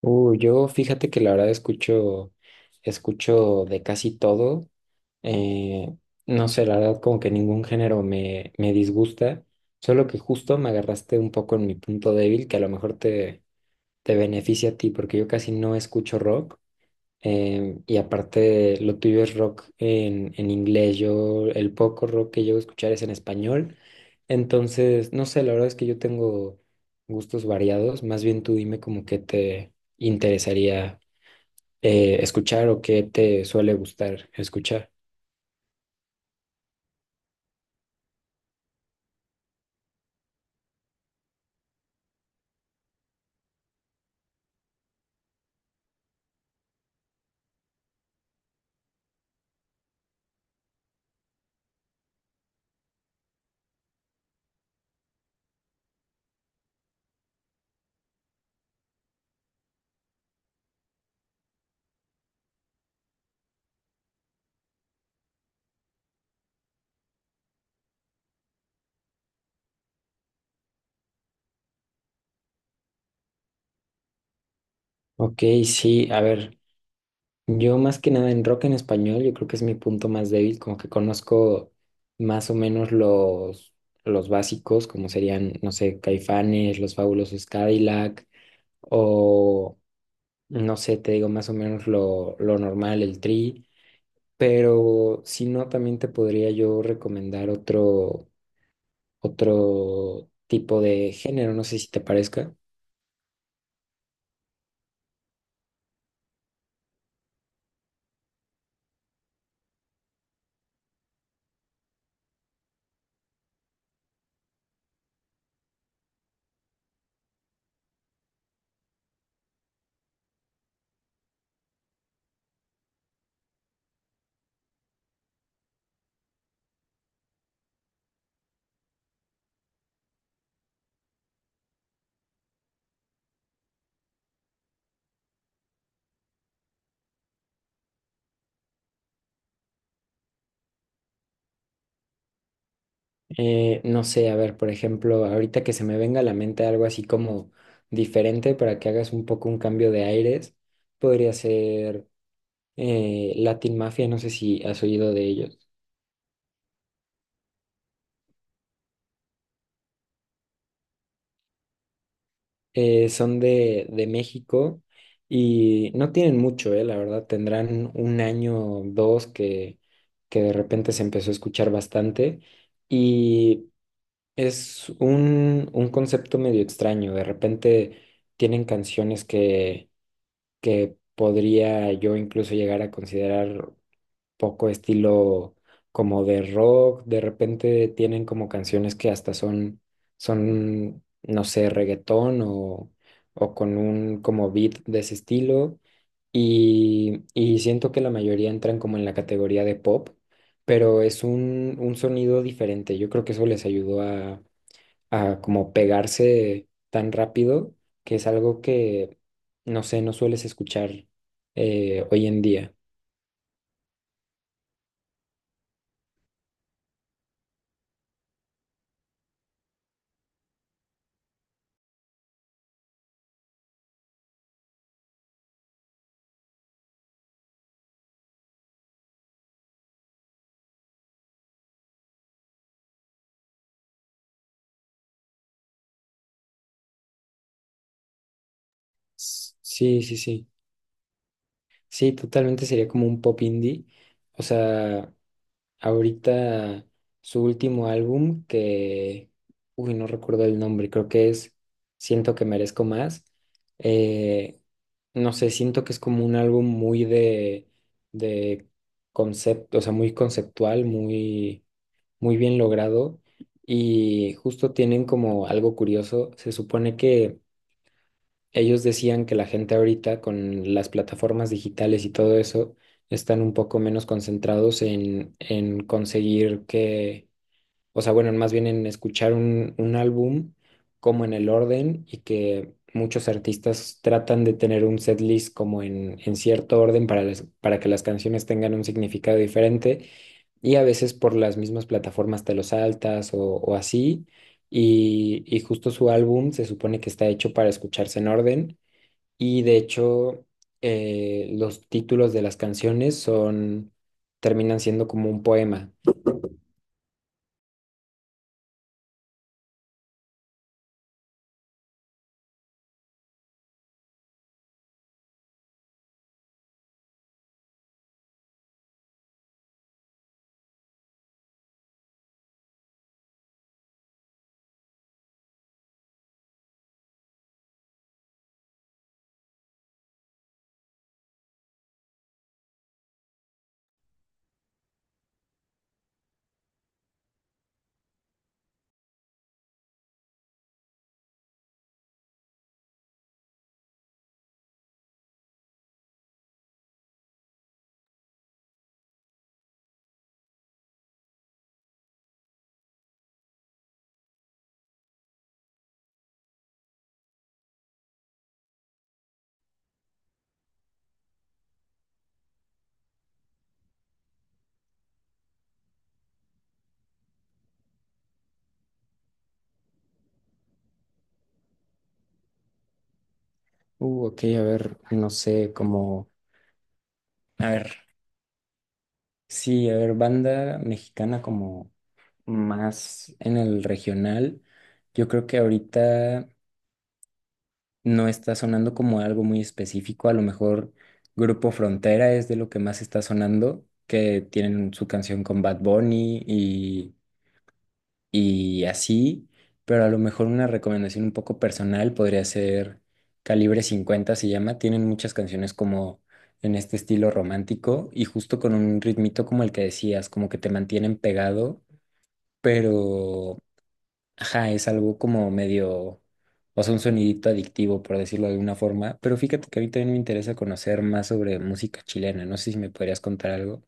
Yo fíjate que la verdad escucho, escucho de casi todo. Eh, no sé, la verdad como que ningún género me disgusta, solo que justo me agarraste un poco en mi punto débil, que a lo mejor te beneficia a ti, porque yo casi no escucho rock. Y aparte, lo tuyo es rock en inglés. Yo, el poco rock que llego a escuchar es en español. Entonces, no sé, la verdad es que yo tengo gustos variados. Más bien tú dime como qué te interesaría escuchar o qué te suele gustar escuchar. Ok, sí, a ver, yo más que nada en rock en español, yo creo que es mi punto más débil, como que conozco más o menos los básicos, como serían, no sé, Caifanes, Los Fabulosos Cadillac, o no sé, te digo más o menos lo normal, el tri, pero si no, también te podría yo recomendar otro tipo de género, no sé si te parezca. No sé, a ver, por ejemplo, ahorita que se me venga a la mente algo así como diferente para que hagas un poco un cambio de aires, podría ser Latin Mafia, no sé si has oído de ellos. Son de México y no tienen mucho, la verdad, tendrán un año, dos, que de repente se empezó a escuchar bastante y es un concepto medio extraño, de repente tienen canciones que podría yo incluso llegar a considerar poco estilo como de rock, de repente tienen como canciones que hasta son, son, no sé, reggaetón o con un como beat de ese estilo. Y siento que la mayoría entran como en la categoría de pop, pero es un sonido diferente. Yo creo que eso les ayudó a como pegarse tan rápido, que es algo que, no sé, no sueles escuchar hoy en día. Sí, sí, sí. Sí, totalmente sería como un pop indie. O sea, ahorita su último álbum que, uy, no recuerdo el nombre, creo que es Siento que merezco más. Eh, no sé, siento que es como un álbum muy de concepto, o sea, muy conceptual, muy, muy bien logrado. Y justo tienen como algo curioso. Se supone que ellos decían que la gente ahorita con las plataformas digitales y todo eso están un poco menos concentrados en conseguir que, o sea, bueno, más bien en escuchar un álbum como en el orden y que muchos artistas tratan de tener un setlist como en cierto orden para, para que las canciones tengan un significado diferente y a veces por las mismas plataformas te lo saltas o así y justo su álbum se supone que está hecho para escucharse en orden y de hecho, los títulos de las canciones son, terminan siendo como un poema. Ok, a ver, no sé, como, a ver, sí, a ver, banda mexicana como más en el regional. Yo creo que ahorita no está sonando como algo muy específico. A lo mejor Grupo Frontera es de lo que más está sonando, que tienen su canción con Bad Bunny y así, pero a lo mejor una recomendación un poco personal podría ser Calibre 50 se llama, tienen muchas canciones como en este estilo romántico y justo con un ritmito como el que decías, como que te mantienen pegado, pero ajá, es algo como medio, o sea, un sonidito adictivo por decirlo de alguna forma, pero fíjate que a mí también me interesa conocer más sobre música chilena, no sé si me podrías contar algo.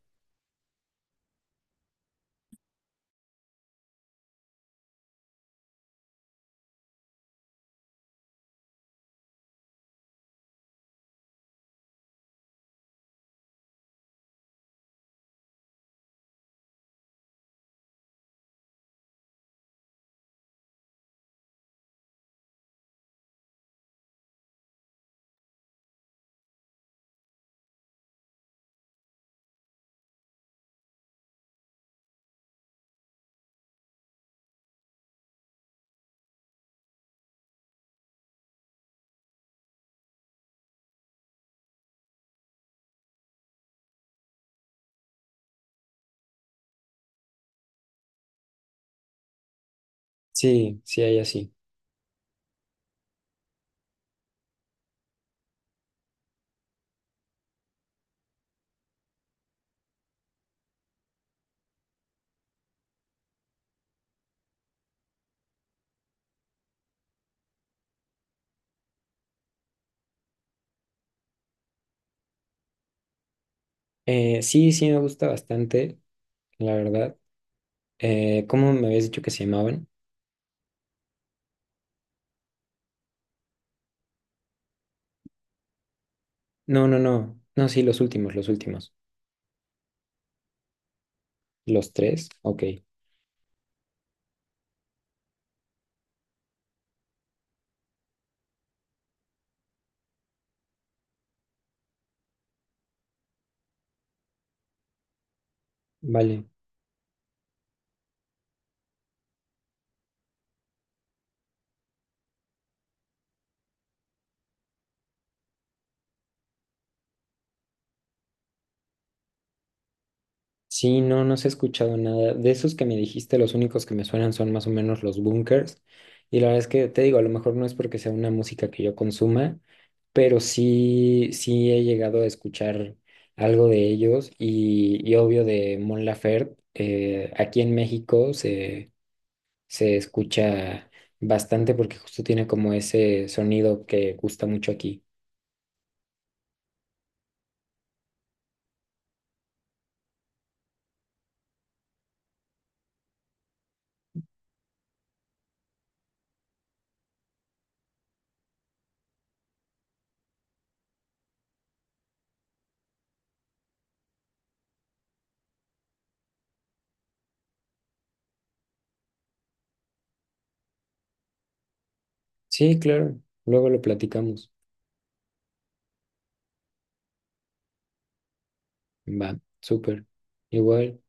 Sí, sí, hay así. Sí, sí, me gusta bastante, la verdad. ¿Cómo me habías dicho que se llamaban? No, no, no. No, sí, los últimos, los últimos. ¿Los tres? Ok, vale. Sí, no, no se ha escuchado nada. De esos que me dijiste, los únicos que me suenan son más o menos los bunkers. Y la verdad es que te digo, a lo mejor no es porque sea una música que yo consuma, pero sí, sí he llegado a escuchar algo de ellos y obvio de Mon Laferte. Eh, aquí en México se escucha bastante porque justo tiene como ese sonido que gusta mucho aquí. Sí, claro, luego lo platicamos. Va, súper. Igual.